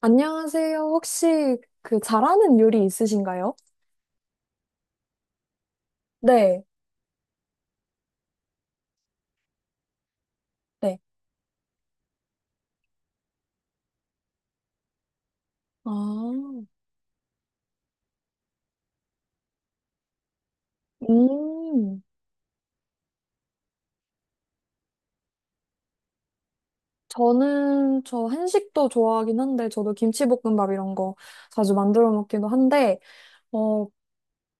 안녕하세요. 혹시 그 잘하는 요리 있으신가요? 네, 네. 아, 음. 저는 저 한식도 좋아하긴 한데 저도 김치볶음밥 이런 거 자주 만들어 먹기도 한데 어,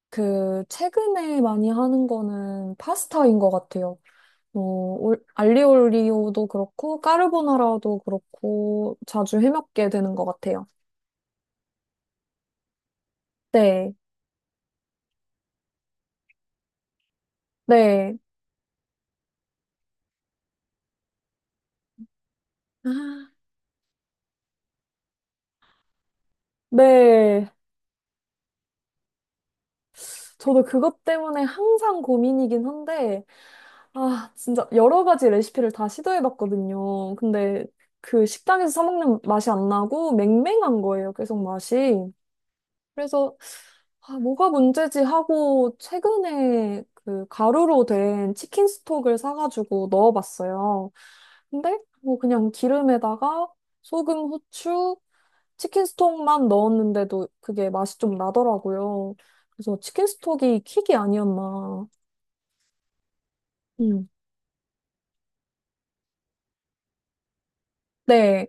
그 최근에 많이 하는 거는 파스타인 것 같아요. 알리올리오도 그렇고 까르보나라도 그렇고 자주 해먹게 되는 것 같아요. 네, 네. 아. 네. 저도 그것 때문에 항상 고민이긴 한데, 아, 진짜 여러 가지 레시피를 다 시도해봤거든요. 근데 그 식당에서 사먹는 맛이 안 나고 맹맹한 거예요, 계속 맛이. 그래서, 아, 뭐가 문제지 하고 최근에 그 가루로 된 치킨 스톡을 사가지고 넣어봤어요. 근데 뭐 그냥 기름에다가 소금, 후추, 치킨 스톡만 넣었는데도 그게 맛이 좀 나더라고요. 그래서 치킨 스톡이 킥이 아니었나. 음. 네.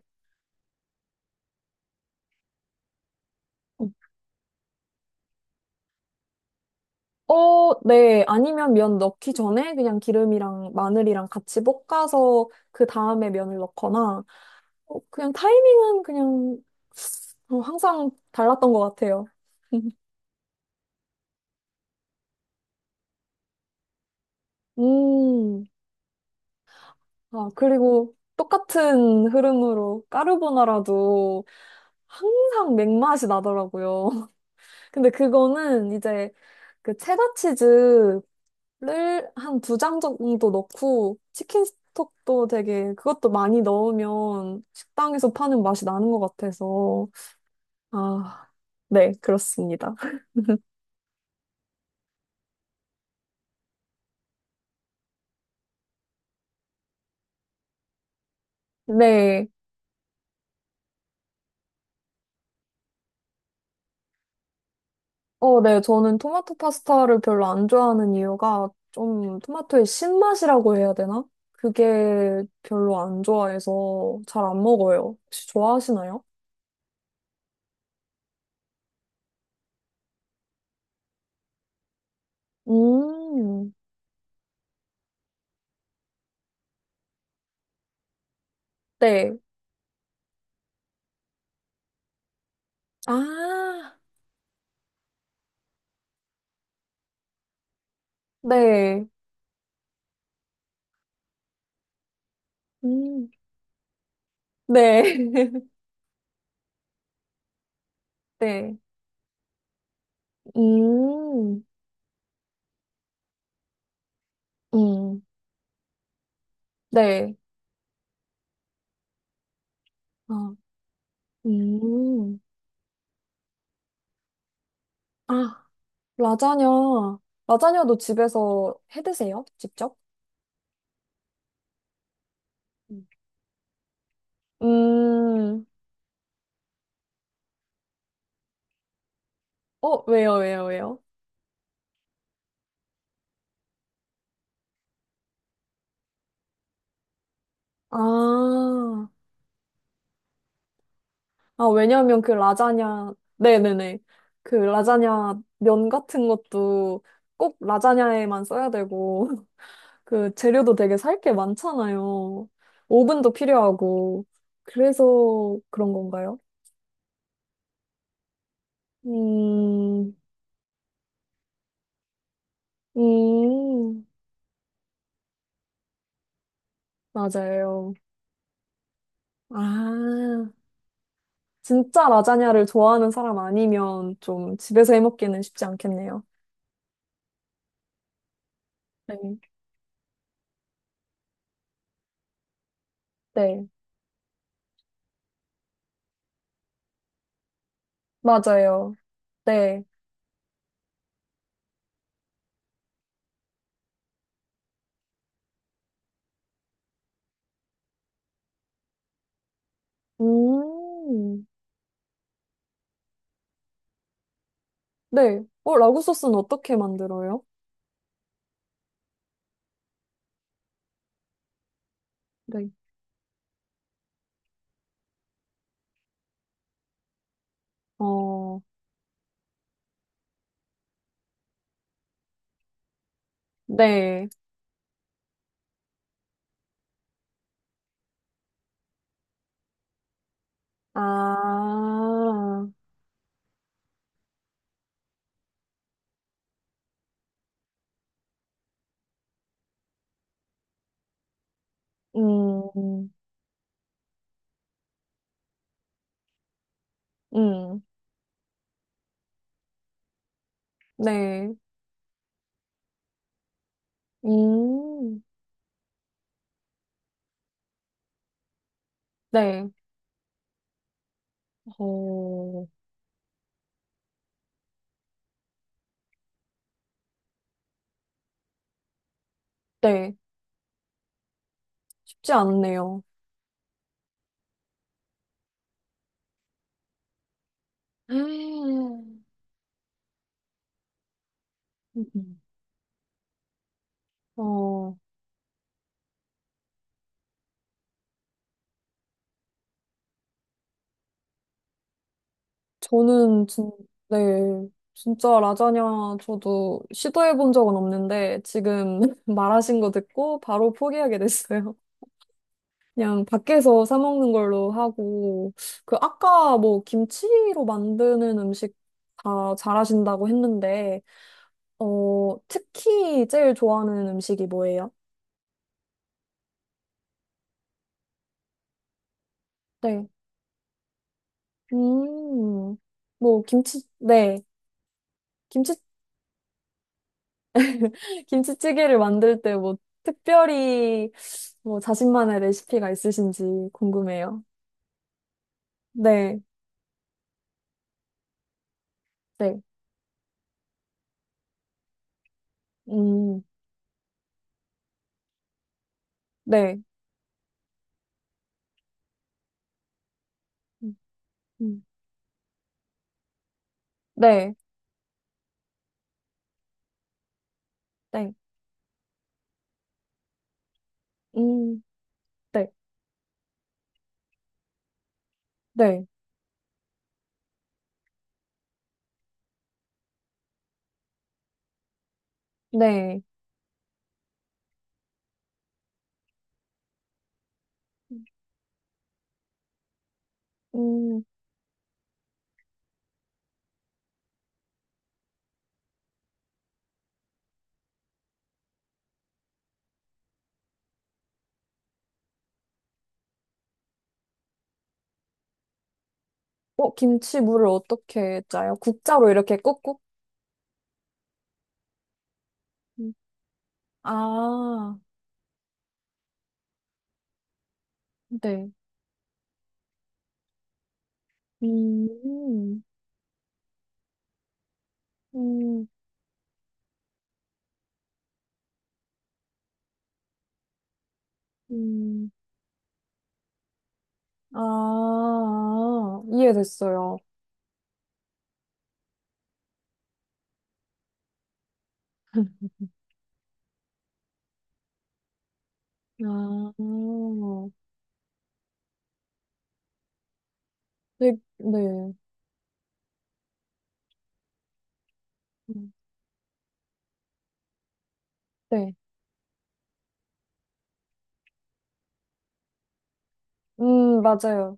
어, 네. 아니면 면 넣기 전에 그냥 기름이랑 마늘이랑 같이 볶아서 그 다음에 면을 넣거나, 그냥 타이밍은 그냥 항상 달랐던 것 같아요. 음. 아, 그리고 똑같은 흐름으로 까르보나라도 항상 맥맛이 나더라고요. 근데 그거는 이제 그 체다 치즈를 한 두 장 정도 넣고 치킨 스톡도 되게 그것도 많이 넣으면 식당에서 파는 맛이 나는 것 같아서 아, 네, 그렇습니다. 네. 어, 네. 저는 토마토 파스타를 별로 안 좋아하는 이유가 좀 토마토의 신맛이라고 해야 되나? 그게 별로 안 좋아해서 잘 안 먹어요. 혹시 좋아하시나요? 음, 네. 아, 네. 음. 네. 네. 음. 음. 네. 아, 음. 아, 라자냐. 라자냐도 집에서 해 드세요? 직접? 음. 음. 왜요, 왜요, 왜요? 아. 아, 왜냐면 그 라자냐. 네네네. 그 라자냐 면 같은 것도 꼭 라자냐에만 써야 되고. 그 재료도 되게 살 게 많잖아요. 오븐도 필요하고. 그래서 그런 건가요? 음, 음, 맞아요. 아, 진짜 라자냐를 좋아하는 사람 아니면 좀 집에서 해먹기는 쉽지 않겠네요. 네, 네, 맞아요. 네. 음, 네. 라구 소스는 어떻게 만들어요? 네. 어, 네. 아, 음, 음. 네. 음, 네. 어, 네. 쉽지 않네요. 음. 음. 어, 저는 진, 네. 진짜 라자냐 저도 시도해 본 적은 없는데 지금 말하신 거 듣고 바로 포기하게 됐어요. 그냥 밖에서 사 먹는 걸로 하고 그 아까 뭐 김치로 만드는 음식 다 잘하신다고 했는데 특히 제일 좋아하는 음식이 뭐예요? 네. 음, 뭐, 김치, 네. 김치, 김치찌개를 만들 때 뭐, 특별히, 뭐, 자신만의 레시피가 있으신지 궁금해요. 네, 네, 음, 네, 음, 네, 네, 음, 네, 네, 네, 음, 김치물을 어떻게 짜요? 국자로 이렇게 꾹꾹? 음, 아, 네, 음, 음, 음, 아, 이해됐어요. 아, 네, 네. 음, 네. 맞아요.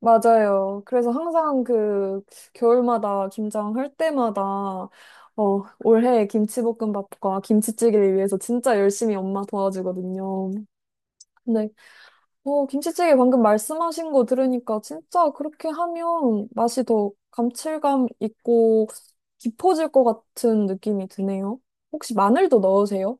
맞아요. 그래서 항상 그 겨울마다 김장할 때마다 올해 김치볶음밥과 김치찌개를 위해서 진짜 열심히 엄마 도와주거든요. 네, 김치찌개 방금 말씀하신 거 들으니까 진짜 그렇게 하면 맛이 더 감칠감 있고 깊어질 것 같은 느낌이 드네요. 혹시 마늘도 넣으세요?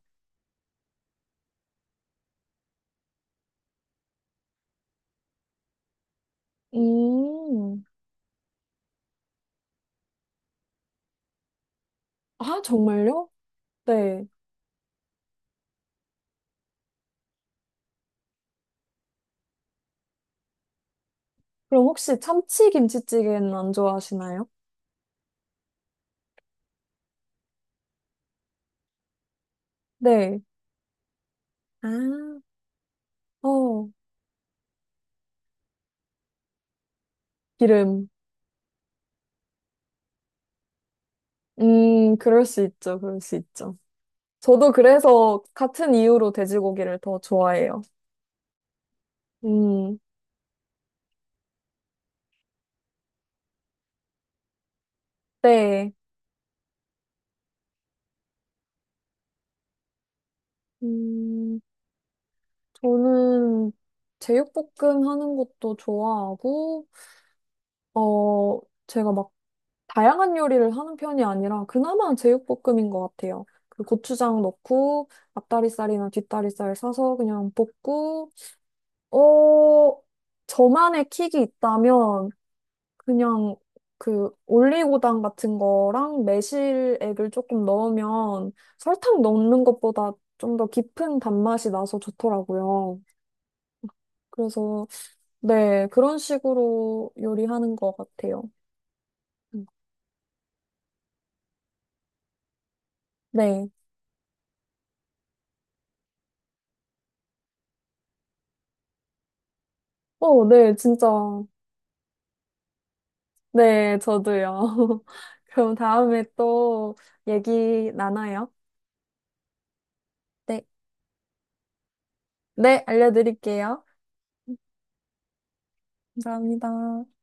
음. 아, 정말요? 네. 그럼 혹시 참치 김치찌개는 안 좋아하시나요? 네. 아, 어, 기름. 그럴 수 있죠. 그럴 수 있죠. 저도 그래서 같은 이유로 돼지고기를 더 좋아해요. 음, 네. 음, 저는 제육볶음 하는 것도 좋아하고, 어, 제가 막 다양한 요리를 하는 편이 아니라 그나마 제육볶음인 것 같아요. 그 고추장 넣고 앞다리살이나 뒷다리살 사서 그냥 볶고 어, 저만의 킥이 있다면 그냥 그 올리고당 같은 거랑 매실액을 조금 넣으면 설탕 넣는 것보다 좀 더 깊은 단맛이 나서 좋더라고요. 그래서 네, 그런 식으로 요리하는 것 같아요. 음. 네. 어, 네, 진짜. 네, 저도요. 그럼 다음에 또 얘기 나눠요. 네. 네, 알려드릴게요. 감사합니다.